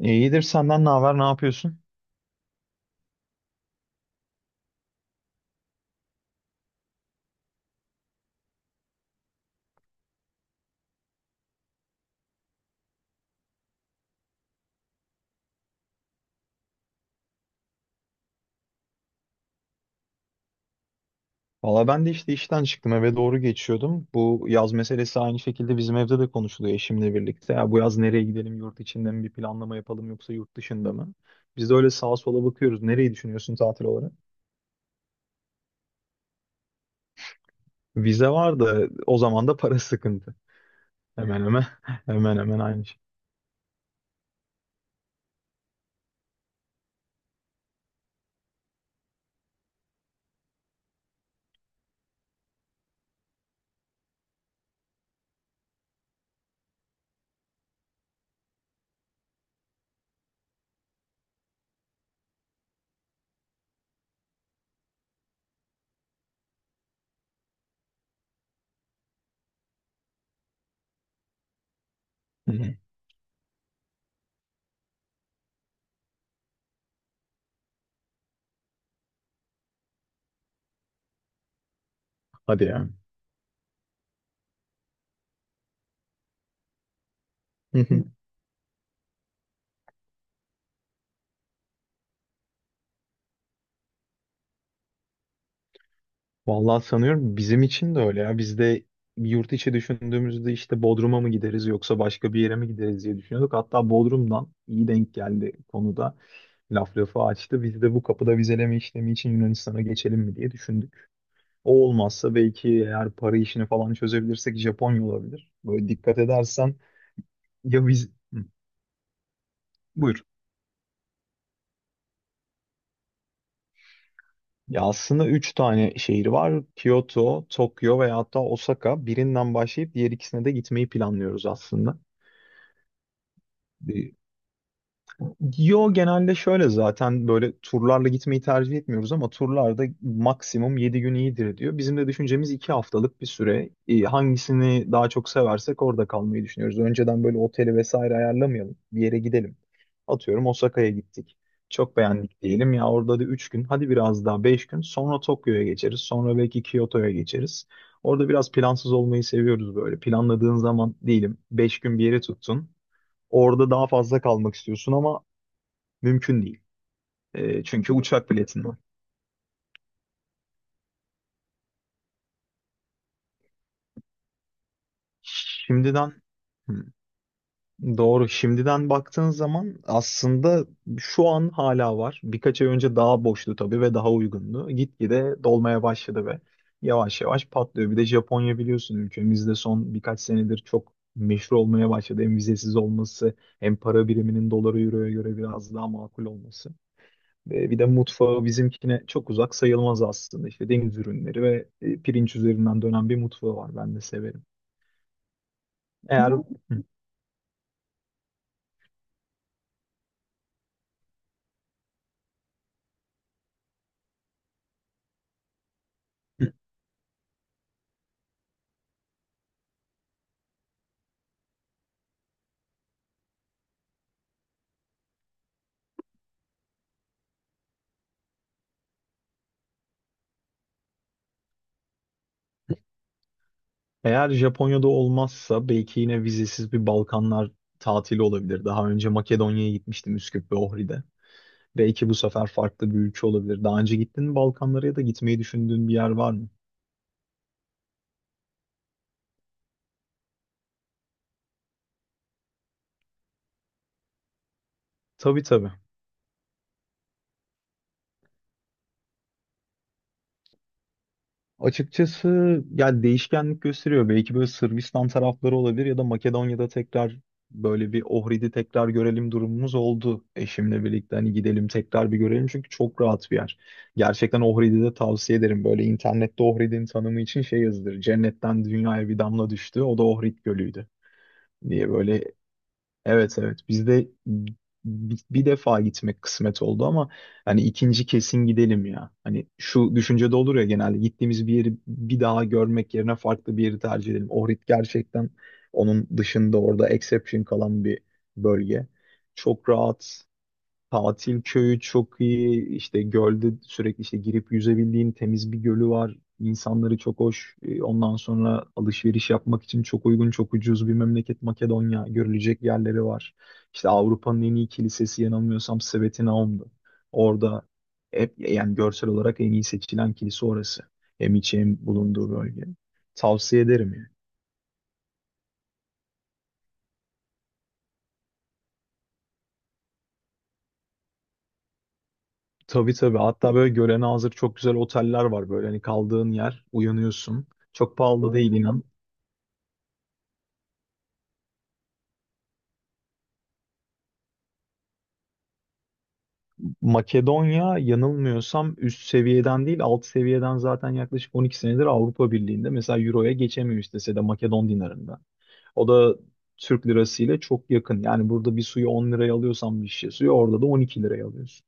İyidir, senden ne haber, ne yapıyorsun? Valla ben de işte işten çıktım, eve doğru geçiyordum. Bu yaz meselesi aynı şekilde bizim evde de konuşuluyor eşimle birlikte. Ya bu yaz nereye gidelim, yurt içinde mi bir planlama yapalım yoksa yurt dışında mı? Biz de öyle sağa sola bakıyoruz. Nereyi düşünüyorsun tatil olarak? Vize var da o zaman da para sıkıntı. Hemen hemen hemen hemen aynı şey. Hı hı. Hadi ya. Vallahi sanıyorum bizim için de öyle ya. Biz de yurt içi düşündüğümüzde işte Bodrum'a mı gideriz yoksa başka bir yere mi gideriz diye düşünüyorduk. Hatta Bodrum'dan iyi denk geldi konuda. Laf lafı açtı. Biz de bu kapıda vizeleme işlemi için Yunanistan'a geçelim mi diye düşündük. O olmazsa, belki eğer para işini falan çözebilirsek Japonya olabilir. Böyle dikkat edersen ya biz... Hı, buyur. Ya aslında üç tane şehir var: Kyoto, Tokyo ve hatta Osaka. Birinden başlayıp diğer ikisine de gitmeyi planlıyoruz aslında. Yo, genelde şöyle, zaten böyle turlarla gitmeyi tercih etmiyoruz ama turlarda maksimum 7 gün iyidir diyor. Bizim de düşüncemiz 2 haftalık bir süre. Hangisini daha çok seversek orada kalmayı düşünüyoruz. Önceden böyle oteli vesaire ayarlamayalım. Bir yere gidelim. Atıyorum, Osaka'ya gittik. Çok beğendik diyelim ya, orada da 3 gün, hadi biraz daha, 5 gün sonra Tokyo'ya geçeriz. Sonra belki Kyoto'ya geçeriz. Orada biraz plansız olmayı seviyoruz böyle. Planladığın zaman diyelim, 5 gün bir yere tuttun. Orada daha fazla kalmak istiyorsun ama mümkün değil. E, çünkü uçak biletin var. Şimdiden hı, doğru. Şimdiden baktığın zaman aslında şu an hala var. Birkaç ay önce daha boştu tabii ve daha uygundu. Gitgide dolmaya başladı ve yavaş yavaş patlıyor. Bir de Japonya biliyorsun ülkemizde son birkaç senedir çok meşhur olmaya başladı. Hem vizesiz olması hem para biriminin dolara, euroya göre biraz daha makul olması. E, bir de mutfağı bizimkine çok uzak sayılmaz aslında. İşte deniz ürünleri ve pirinç üzerinden dönen bir mutfağı var. Ben de severim. Eğer hı, eğer Japonya'da olmazsa belki yine vizesiz bir Balkanlar tatili olabilir. Daha önce Makedonya'ya gitmiştim, Üsküp ve Ohri'de. Belki bu sefer farklı bir ülke olabilir. Daha önce gittin mi Balkanlara ya da gitmeyi düşündüğün bir yer var mı? Tabii tabii. Açıkçası yani değişkenlik gösteriyor. Belki böyle Sırbistan tarafları olabilir ya da Makedonya'da tekrar, böyle bir Ohrid'i tekrar görelim durumumuz oldu. Eşimle birlikte hani gidelim tekrar bir görelim, çünkü çok rahat bir yer. Gerçekten Ohrid'i de tavsiye ederim. Böyle internette Ohrid'in tanımı için şey yazılır: cennetten dünyaya bir damla düştü, o da Ohrid Gölü'ydü diye böyle. Evet evet, bizde bir defa gitmek kısmet oldu ama hani ikinci kesin gidelim ya. Hani şu düşünce de olur ya, genelde gittiğimiz bir yeri bir daha görmek yerine farklı bir yeri tercih edelim. Ohrid gerçekten onun dışında, orada exception kalan bir bölge. Çok rahat. Tatil köyü çok iyi. İşte gölde sürekli işte girip yüzebildiğin temiz bir gölü var. İnsanları çok hoş. Ondan sonra alışveriş yapmak için çok uygun, çok ucuz bir memleket Makedonya. Görülecek yerleri var. İşte Avrupa'nın en iyi kilisesi yanılmıyorsam Sveti Naum'du. Orada hep yani görsel olarak en iyi seçilen kilise orası. Hem içi hem bulunduğu bölge. Tavsiye ederim yani. Tabii tabii. Hatta böyle görene hazır çok güzel oteller var. Böyle hani kaldığın yer, uyanıyorsun. Çok pahalı değil, inan. Makedonya yanılmıyorsam üst seviyeden değil alt seviyeden zaten yaklaşık 12 senedir Avrupa Birliği'nde, mesela Euro'ya geçemiyor istese de, Makedon dinarında. O da Türk lirası ile çok yakın. Yani burada bir suyu 10 liraya alıyorsan, bir şişe suyu orada da 12 liraya alıyorsun.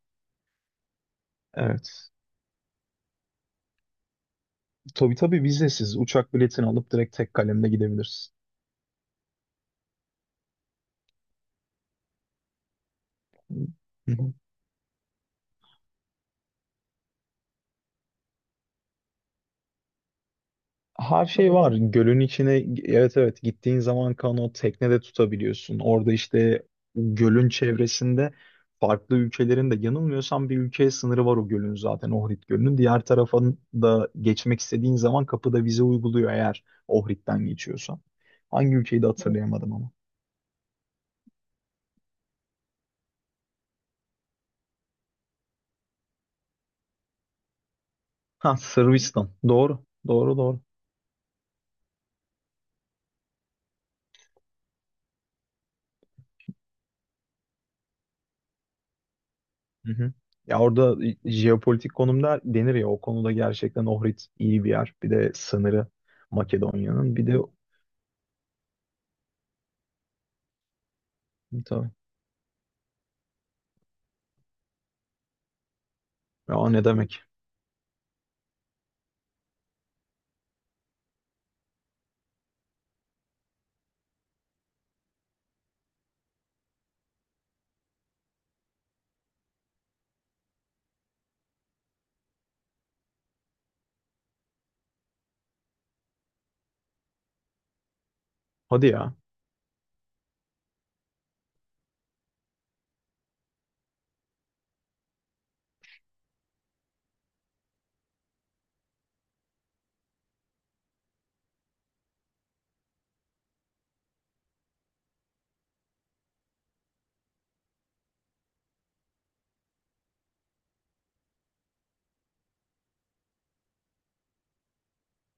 Evet. Tabii tabii, vizesiz uçak biletini alıp direkt tek kalemle gidebilirsin. Hı hı. Her şey var. Gölün içine, evet evet, gittiğin zaman kanot teknede tutabiliyorsun. Orada işte gölün çevresinde farklı ülkelerin de yanılmıyorsam bir ülkeye sınırı var o gölün, zaten Ohrid Gölü'nün. Diğer tarafa da geçmek istediğin zaman kapıda vize uyguluyor eğer Ohrid'den geçiyorsan. Hangi ülkeyi de hatırlayamadım ama. Ha, Sırbistan. Doğru. Doğru doğru. Hı hı. Ya orada jeopolitik konumda denir ya, o konuda gerçekten Ohrid iyi bir yer. Bir de sınırı Makedonya'nın. Bir de tabii. Ya ne demek? Hadi ya.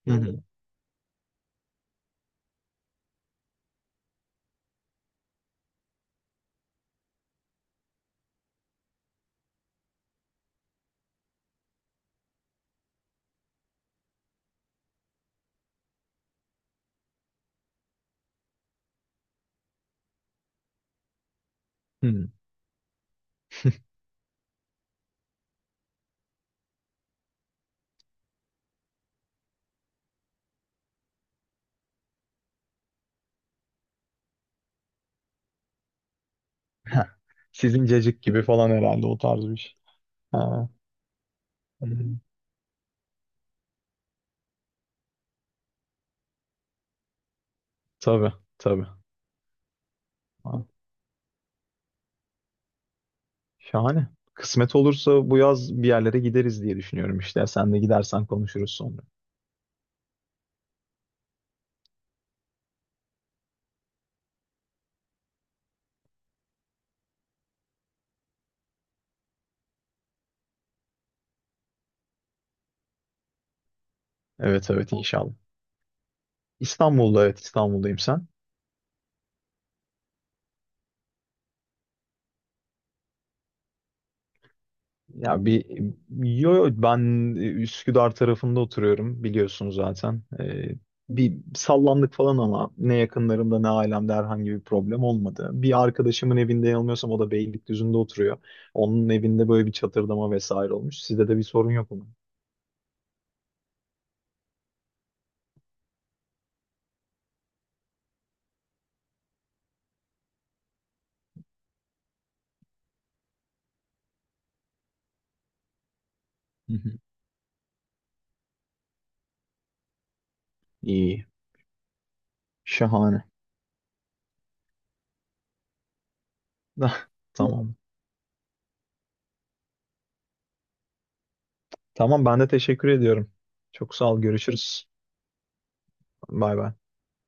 Hı hı. Hı. Heh. Sizin cacık gibi falan herhalde, o tarz bir şey. Ha. Hı hı. Tabii, tabii. Ha. Şahane. Kısmet olursa bu yaz bir yerlere gideriz diye düşünüyorum işte. Sen de gidersen konuşuruz sonra. Evet evet, inşallah. İstanbul'da, evet, İstanbul'dayım, sen? Ya bir, yo yo, ben Üsküdar tarafında oturuyorum biliyorsun zaten. Bir sallandık falan ama ne yakınlarımda ne ailemde herhangi bir problem olmadı. Bir arkadaşımın evinde, yanılmıyorsam o da Beylikdüzü'nde oturuyor. Onun evinde böyle bir çatırdama vesaire olmuş. Sizde de bir sorun yok mu? Hı hı. İyi. Şahane. Tamam. Tamam. Tamam, ben de teşekkür ediyorum. Çok sağ ol. Görüşürüz. Bay bay.